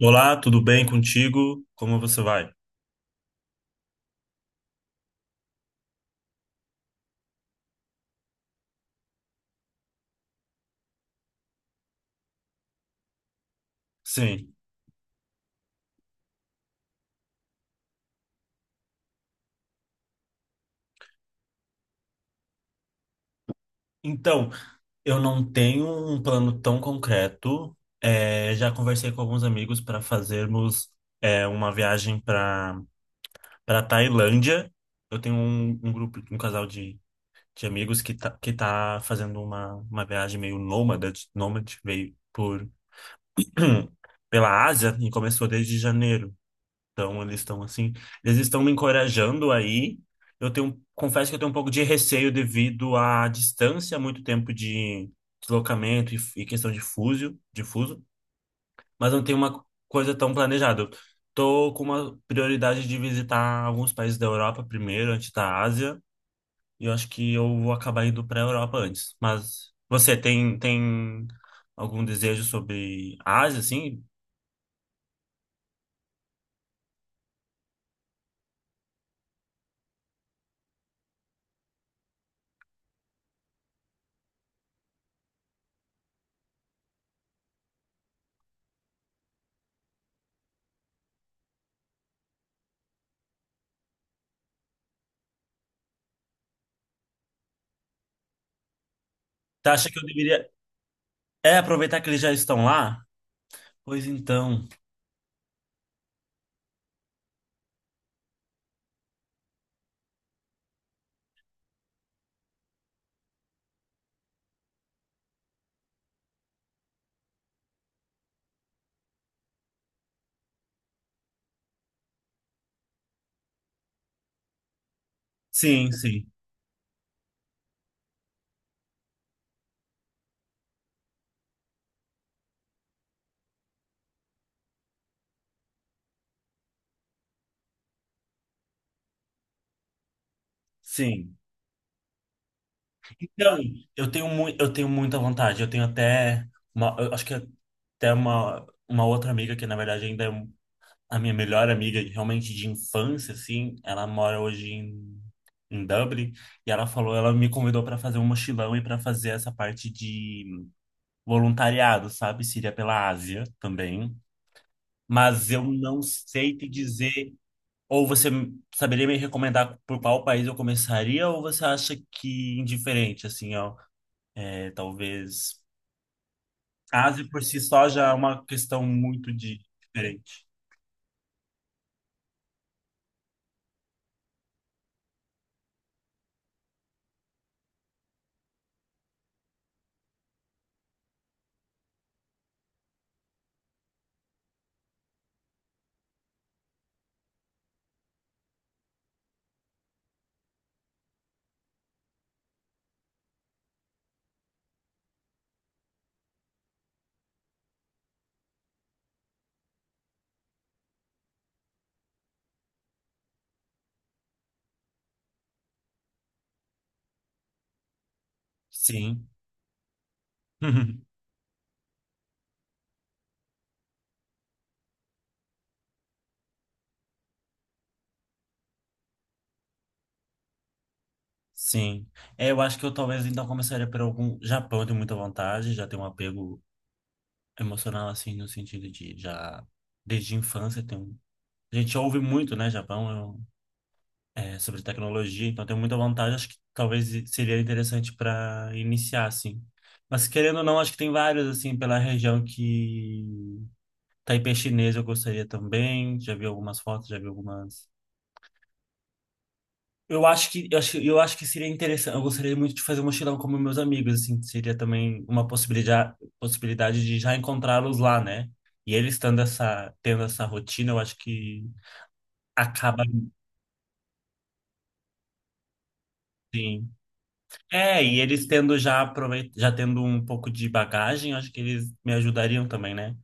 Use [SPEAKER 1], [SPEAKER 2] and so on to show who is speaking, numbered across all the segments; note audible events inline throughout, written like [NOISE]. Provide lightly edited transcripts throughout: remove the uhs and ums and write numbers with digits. [SPEAKER 1] Olá, tudo bem contigo? Como você vai? Sim. Então, eu não tenho um plano tão concreto. É, já conversei com alguns amigos para fazermos uma viagem para Tailândia. Eu tenho um grupo, um casal de amigos que tá fazendo uma viagem meio nômade, nômade, veio por [CLEARS THROAT] pela Ásia e começou desde janeiro. Então, eles estão assim, eles estão me encorajando aí. Eu tenho, confesso que eu tenho um pouco de receio devido à distância, muito tempo de deslocamento e questão de fuso, mas não tem uma coisa tão planejada. Eu tô com uma prioridade de visitar alguns países da Europa primeiro, antes da Ásia, e eu acho que eu vou acabar indo para a Europa antes. Mas você tem algum desejo sobre a Ásia, assim? Tá, acha que eu deveria aproveitar que eles já estão lá? Pois então. Sim, sim, sim. Então, eu tenho muita vontade. Eu tenho até uma, eu acho que até uma outra amiga que na verdade a minha melhor amiga, realmente de infância, assim. Ela mora hoje em Dublin e ela me convidou para fazer um mochilão e para fazer essa parte de voluntariado, sabe? Seria pela Ásia também. Mas eu não sei te dizer. Ou você saberia me recomendar por qual país eu começaria, ou você acha que indiferente, assim, ó, talvez a Ásia por si só já é uma questão muito de diferente. Sim. [LAUGHS] Sim. É, eu acho que eu talvez então começaria por algum Japão, eu tenho muita vontade, já tenho um apego emocional assim no sentido de já desde a infância tem um. A gente ouve muito, né, Japão, é um sobre tecnologia, então tem muita vantagem. Acho que talvez seria interessante para iniciar, assim. Mas querendo ou não, acho que tem vários, assim, pela região que Taipei chinês eu gostaria também. Já vi algumas fotos, já vi algumas. Eu acho que seria interessante. Eu gostaria muito de fazer um mochilão como meus amigos, assim. Seria também uma possibilidade, possibilidade de já encontrá-los lá, né? E eles tendo essa rotina, eu acho que acaba, assim. E eles tendo já tendo um pouco de bagagem, acho que eles me ajudariam também, né?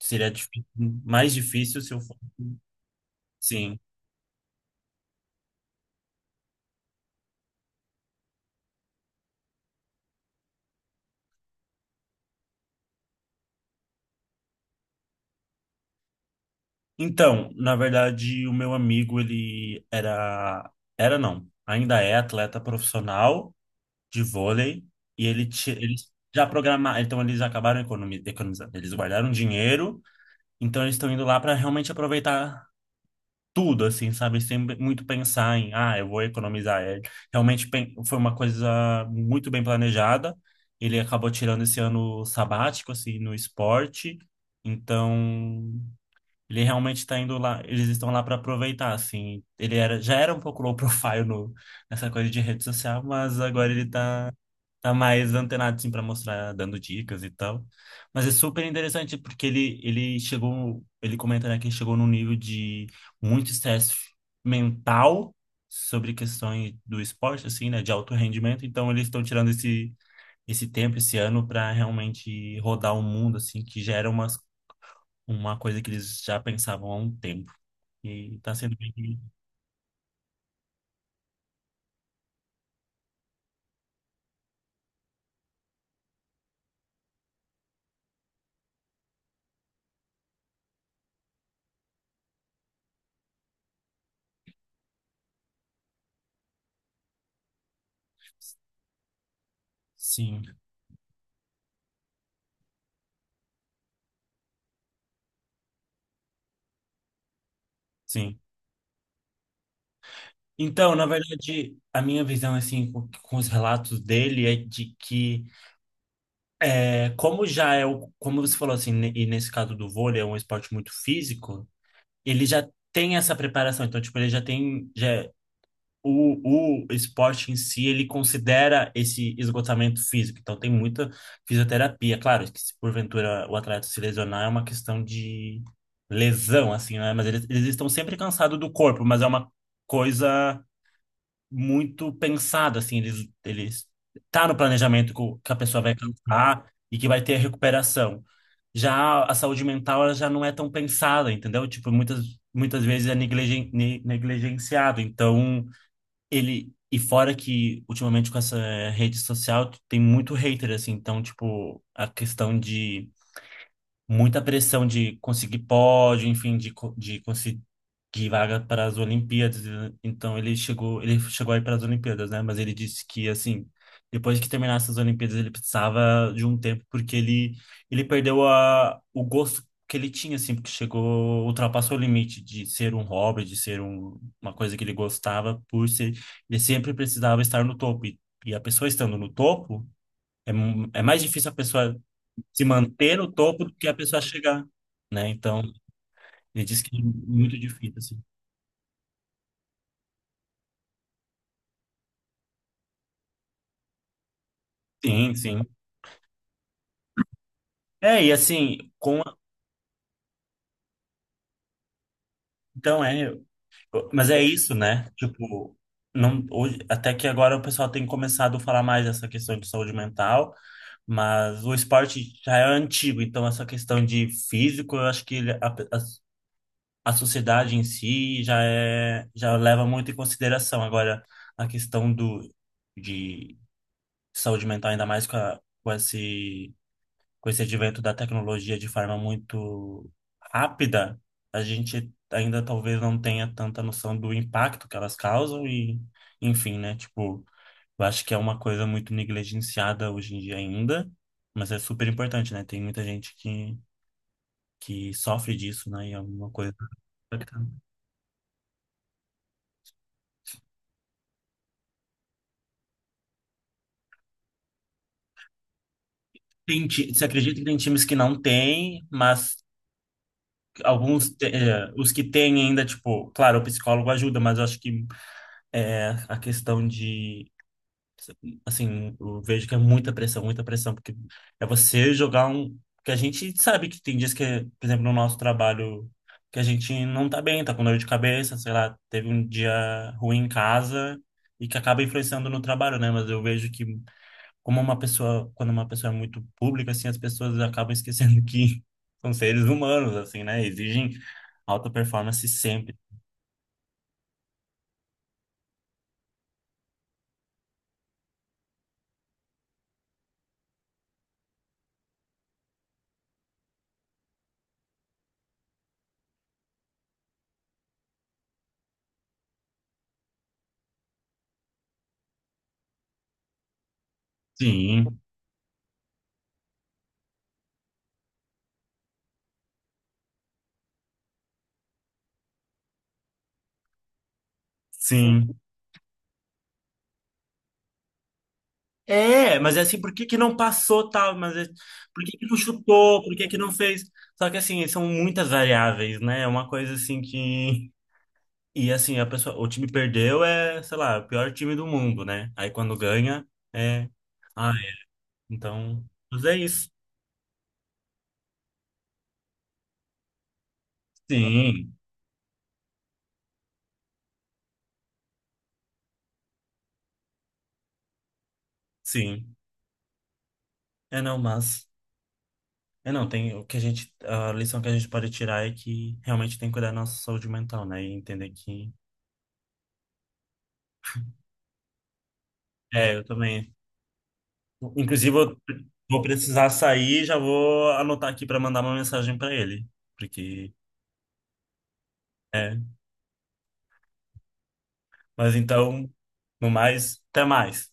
[SPEAKER 1] Seria mais difícil se eu for. Sim. Então, na verdade, o meu amigo, ele era não, ainda é atleta profissional de vôlei e eles já programaram, então eles acabaram economizando, eles guardaram dinheiro, então eles estão indo lá para realmente aproveitar tudo, assim, sabe? Sempre muito pensar em, ah, eu vou economizar. É, realmente foi uma coisa muito bem planejada. Ele acabou tirando esse ano sabático, assim, no esporte. Então, ele realmente está indo lá, eles estão lá para aproveitar, assim. Ele era, já era um pouco low profile no, nessa coisa de rede social, mas agora ele está tá mais antenado assim para mostrar, dando dicas e tal. Mas é super interessante porque ele chegou, ele comenta né, que ele chegou num nível de muito estresse mental sobre questões do esporte assim, né, de alto rendimento. Então eles estão tirando esse tempo esse ano para realmente rodar o mundo assim, que já era uma coisa que eles já pensavam há um tempo. E tá sendo bem. Sim, sim. Então, na verdade, a minha visão, assim, com os relatos dele é de que. É, como já é como você falou assim, e nesse caso do vôlei é um esporte muito físico, ele já tem essa preparação, então tipo, ele já tem o esporte em si, ele considera esse esgotamento físico. Então tem muita fisioterapia, claro, que se porventura o atleta se lesionar é uma questão de lesão assim, né? Mas eles estão sempre cansados do corpo, mas é uma coisa muito pensado, assim, eles tá no planejamento que a pessoa vai cansar e que vai ter recuperação. Já a saúde mental, ela já não é tão pensada, entendeu? Tipo, muitas vezes é negligenciado. Então, e fora que, ultimamente, com essa rede social, tem muito hater, assim. Então, tipo, a questão de muita pressão de conseguir pódio, enfim, de conseguir vaga para as Olimpíadas. Então ele chegou aí para as Olimpíadas, né? Mas ele disse que assim, depois que terminasse as Olimpíadas, ele precisava de um tempo porque ele perdeu o gosto que ele tinha assim, porque chegou, ultrapassou o limite de ser um hobby, de ser uma coisa que ele gostava por ser. Ele sempre precisava estar no topo. E a pessoa estando no topo, é mais difícil a pessoa se manter no topo do que a pessoa chegar, né? Então, ele disse que é muito difícil, assim. Sim, sim. E assim, então mas é isso, né? Tipo, não hoje, até que agora o pessoal tem começado a falar mais dessa questão de saúde mental, mas o esporte já é antigo, então essa questão de físico, eu acho que a sociedade em si já leva muito em consideração. Agora, a questão do de saúde mental, ainda mais com esse advento da tecnologia de forma muito rápida, a gente ainda talvez não tenha tanta noção do impacto que elas causam e, enfim, né? Tipo, eu acho que é uma coisa muito negligenciada hoje em dia ainda, mas é super importante, né? Tem muita gente que sofre disso, né? E é uma coisa. Você acredita que tem times que não tem, mas os que têm ainda, tipo, claro, o psicólogo ajuda, mas eu acho que é a questão de, assim, eu vejo que é muita pressão, porque é você jogar um, que a gente sabe que tem dias que, por exemplo, no nosso trabalho, que a gente não tá bem, tá com dor de cabeça, sei lá, teve um dia ruim em casa e que acaba influenciando no trabalho, né? Mas eu vejo que quando uma pessoa é muito pública, assim, as pessoas acabam esquecendo que [LAUGHS] são seres humanos, assim, né? Exigem alta performance sempre. Sim, sim. É, mas é assim, por que que não passou tal? Mas é- por que que não chutou? Por que que não fez? Só que assim, são muitas variáveis, né? É uma coisa assim que. E assim, a pessoa, o time perdeu sei lá, o pior time do mundo, né? Aí quando ganha, é. Ai, então. Mas é isso. Sim, sim. É não, mas. É não, tem o que a gente. A lição que a gente pode tirar é que realmente tem que cuidar da nossa saúde mental, né? E entender que. É, eu também. Inclusive, eu vou precisar sair, já vou anotar aqui para mandar uma mensagem para ele, porque é. Mas então, no mais, até mais.